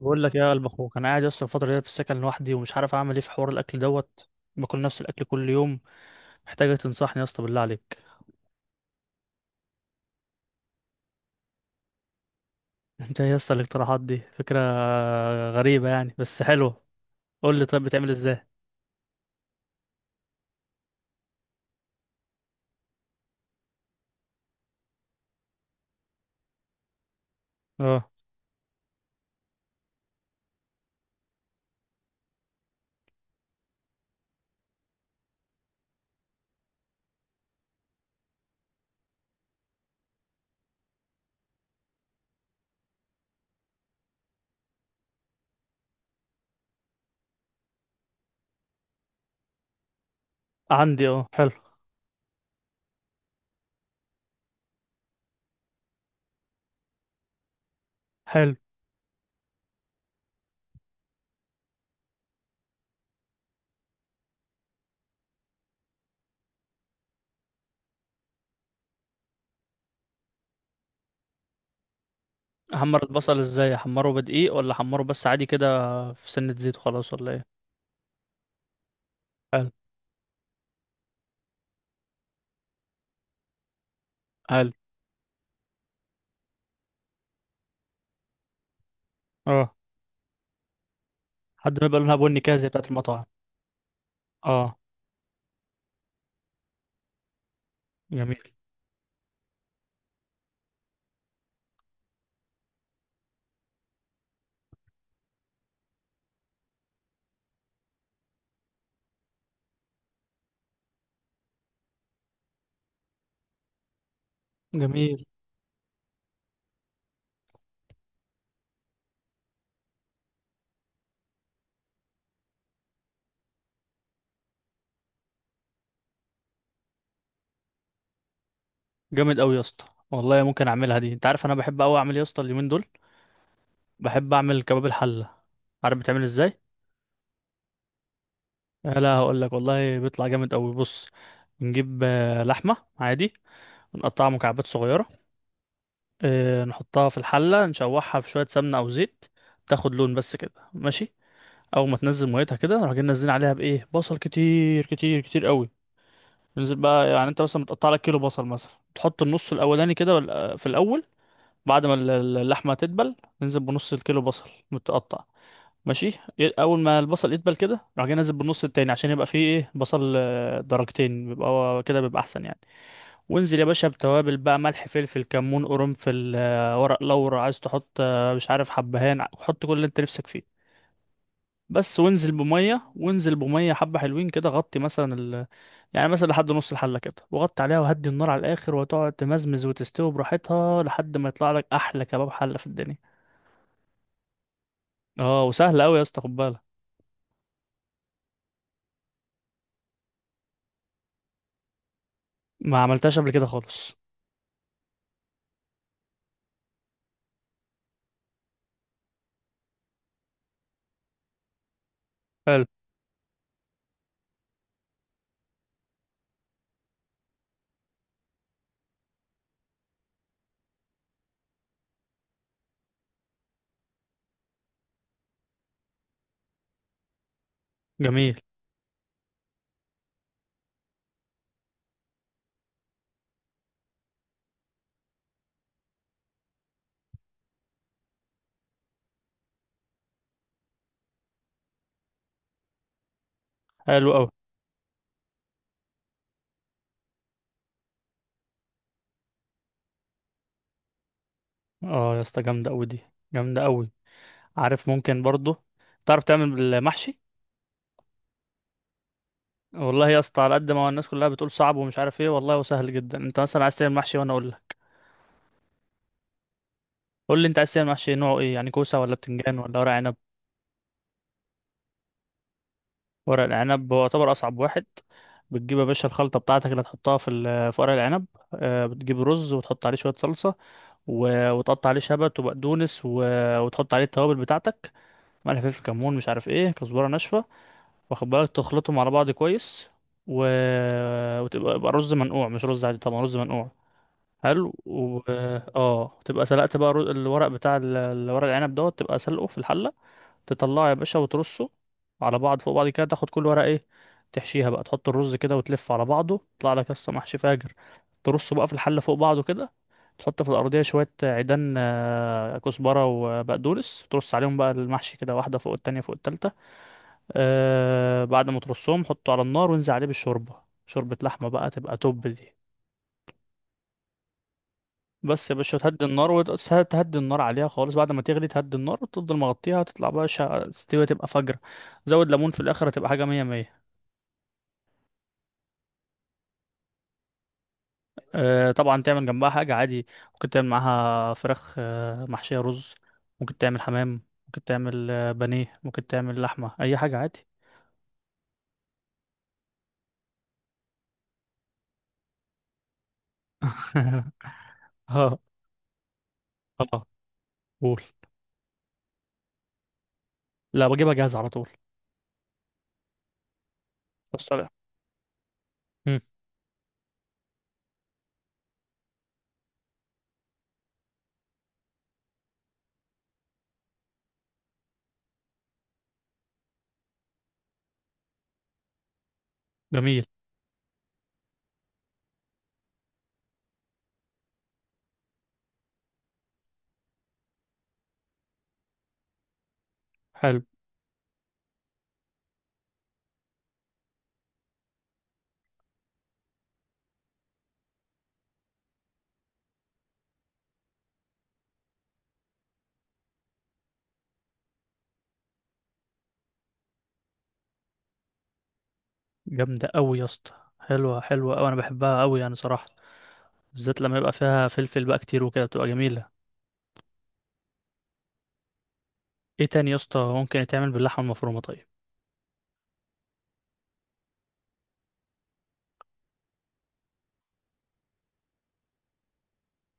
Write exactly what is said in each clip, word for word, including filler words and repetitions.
بقول لك يا قلب اخوك، انا قاعد اصلا الفتره دي في السكن لوحدي ومش عارف اعمل ايه في حوار الاكل دوت. باكل نفس الاكل كل يوم. محتاجك تنصحني يا اسطى، بالله عليك. انت إيه يا اسطى الاقتراحات دي؟ فكره غريبه يعني بس حلوه. قول لي طيب، بتعمل ازاي؟ اه. عندي اه حلو حلو. احمر البصل ازاي؟ احمره بدقيق ولا احمره بس عادي كده؟ في سنه زيت وخلاص ولا ايه؟ حلو. حلو. اه. لحد ما يبقى لونها بني كده زي بتاعت المطاعم. اه. جميل. جميل. جامد قوي يا اسطى، والله ممكن اعملها دي. انت عارف انا بحب قوي اعمل إيه يا اسطى اليومين دول؟ بحب اعمل كباب الحله. عارف بتعمل ازاي؟ آه، لا هقول لك والله بيطلع جامد قوي. بص، نجيب آه، لحمه عادي ونقطعها مكعبات صغيره. آه، نحطها في الحله، نشوحها في شويه سمنه او زيت، تاخد لون بس كده ماشي. اول ما تنزل ميتها كده نروح جايين نازلين عليها بايه؟ بصل كتير كتير كتير قوي. ننزل بقى، يعني انت مثلا متقطع لك كيلو بصل مثلا، تحط النص الاولاني كده وال- في الاول. بعد ما ال- اللحمه تدبل، ننزل بنص الكيلو بصل متقطع، ماشي. ي- اول ما البصل يدبل كده راح جاي نازل بالنص التاني، عشان يبقى فيه ايه؟ بصل آه، درجتين، بيبقى هو كده بيبقى احسن يعني. وانزل يا باشا بتوابل بقى، ملح فلفل كمون قرنفل آه، ورق لورا، عايز تحط آه، مش عارف حبهان ع- حط كل اللي انت نفسك فيه. بس وانزل بميه، وانزل بميه حبه حلوين كده، غطي مثلا ال... يعني مثلا لحد نص الحله كده وغطي عليها وهدي النار على الاخر، وتقعد تمزمز وتستوي براحتها لحد ما يطلع لك احلى كباب حله في الدنيا. اه وسهله قوي يا اسطى، خد بالك. ما عملتهاش قبل كده خالص. حلو. جميل. حلو قوي. اه يا اسطى جامده قوي دي. جامده قوي. عارف ممكن برضه تعرف تعمل المحشي؟ والله يا اسطى على قد ما الناس كلها بتقول صعب ومش عارف ايه، والله هو سهل جدا. انت مثلا عايز تعمل محشي وانا اقول لك. قول لي انت عايز تعمل محشي نوعه ايه يعني، كوسه ولا بتنجان ولا ورق عنب؟ ورق العنب هو يعتبر اصعب واحد. بتجيب يا باشا الخلطه بتاعتك اللي هتحطها في ال- في ورق العنب. آه، بتجيب رز وتحط عليه شويه صلصه و- وتقطع عليه شبت وبقدونس و- وتحط عليه التوابل بتاعتك، ملح فلفل كمون مش عارف ايه كزبره ناشفه، واخد بالك تخلطهم على بعض كويس. و... وتبقى يبقى رز منقوع مش رز عادي، طبعا رز منقوع. حلو و اه. تبقى سلقت بقى الرز- الورق بتاع ال- الورق العنب دوت، تبقى سلقه في الحلة. تطلعه يا باشا وترصه على بعض فوق بعض كده، تاخد كل ورقة ايه تحشيها بقى، تحط الرز كده وتلف على بعضه، تطلع لك قصة محشي فاجر. ترصه بقى في الحله فوق بعضه كده. تحط في الارضيه شويه عيدان آه، كزبره وبقدونس، ترص عليهم بقى المحشي كده، واحده فوق التانية فوق التالتة. آه بعد ما ترصهم حطه على النار وانزل عليه بالشوربه، شوربه لحمه بقى، تبقى توب دي. بس يا باشا تهدي النار، وتهدي النار عليها خالص بعد ما تغلي، تهدي النار وتفضل مغطيها، تطلع بقى شا... تستوي تبقى فجر. زود ليمون في الاخر هتبقى حاجه مية مية. آه، طبعا تعمل جنبها حاجة عادي. ممكن تعمل معاها فراخ آه، محشية رز، ممكن تعمل حمام، ممكن تعمل آه، بانيه، ممكن تعمل لحمة، أي حاجة عادي. اه. اه. قول. لا بجيبها جاهزة على طول. والسلام. مم، جميل. حلو. جامدة أوي يا اسطى. حلوة حلوة أوي، أنا بحبها أوي يعني صراحة، بالذات لما يبقى فيها فلفل بقى كتير وكده بتبقى جميلة. ايه تاني يا اسطى ممكن يتعمل باللحمة المفرومة طيب؟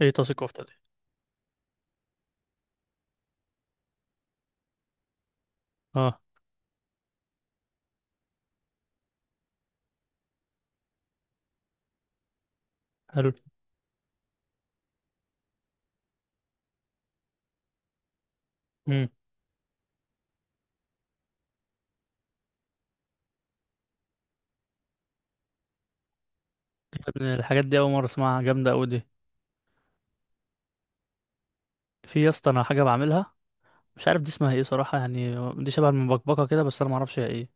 ايه طاسة كفتة دي؟ اه. حلو. مم. يا ابني الحاجات دي أول مرة أسمعها، جامدة أوي دي. في يا اسطى انا حاجه بعملها، مش عارف دي اسمها ايه صراحه يعني. دي شبه المبكبكه كده بس انا ما اعرفش هي ايه.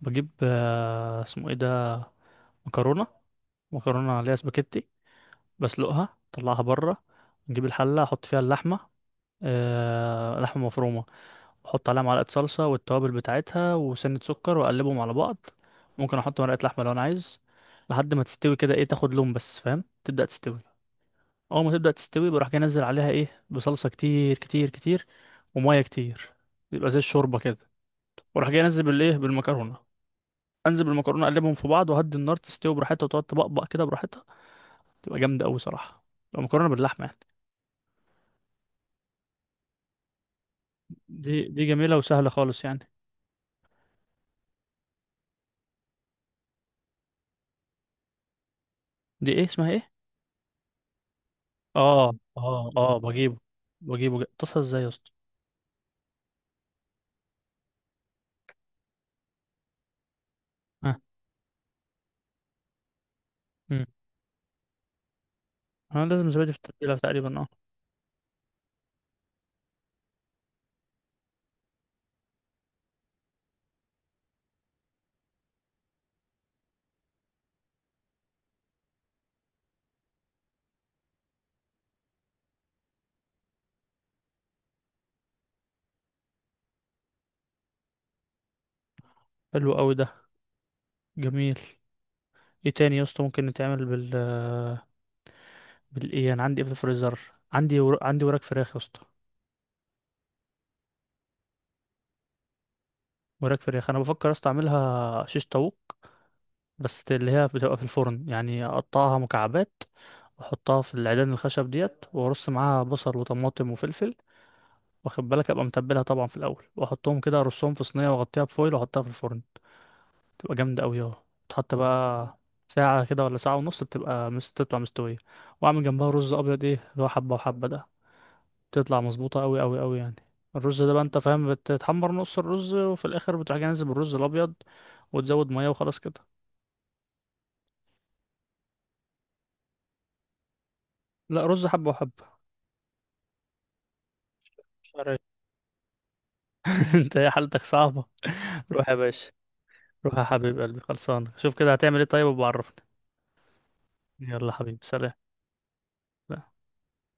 بجيب آه، اسمه ايه ده، مكرونه، مكرونه عليها سباكيتي. بسلقها اطلعها بره. نجيب الحله احط فيها اللحمه، أه لحمه مفرومه. احط عليها معلقه صلصه والتوابل بتاعتها وسنه سكر واقلبهم على بعض. ممكن احط مرقه لحمه لو انا عايز. لحد ما تستوي كده ايه، تاخد لون بس فاهم، تبدا تستوي. اول ما تبدأ تستوي بروح جاي انزل عليها ايه؟ بصلصة كتير كتير كتير ومية كتير. يبقى زي الشوربة كده. واروح جاي انزل بالايه بالمكرونة. انزل بالمكرونة اقلبهم في بعض وهدي النار، تستوي براحتها وتقعد تبقبق كده براحتها. تبقى جامدة قوي صراحة. تبقى مكرونة باللحمة يعني. دي دي جميلة وسهلة خالص يعني. دي ايه اسمها ايه؟ اه اه اه بجيبه. بجيبه جا- تصل ازاي يا اسطى؟ ها. مم. انا لازم زبادي في التتبيلة تقريبا، اه. حلو قوي ده. جميل. ايه تاني يا اسطى ممكن نتعمل بال بالايه، انا عندي ايه في الفريزر؟ عندي ور... عندي وراك فراخ يا اسطى. وراك فراخ انا بفكر يا اسطى اعملها شيش طاووق، بس اللي هي بتبقى في الفرن يعني، اقطعها مكعبات واحطها في العيدان الخشب ديت، وارص معاها بصل وطماطم وفلفل، واخد بالك ابقى متبلها طبعا في الاول، واحطهم كده ارصهم في صينيه واغطيها بفويل واحطها في الفرن، تبقى جامده قوي اهو. تحط بقى ساعة كده ولا ساعة ونص، بتبقى مس... تطلع مستوية. وأعمل جنبها رز أبيض إيه اللي هو حبة وحبة ده، تطلع مظبوطة أوي أوي أوي يعني. الرز ده بقى أنت فاهم، بتتحمر نص الرز وفي الآخر بتروح جاي نازل بالرز الأبيض، وتزود مية وخلاص كده. لا رز حبة وحبة. مش عارف. أنت يا حالتك صعبة. روح يا باشا. روح يا حبيب قلبي خلصان، شوف كده هتعمل إيه طيب وبعرفني. يلا حبيبي، سلام.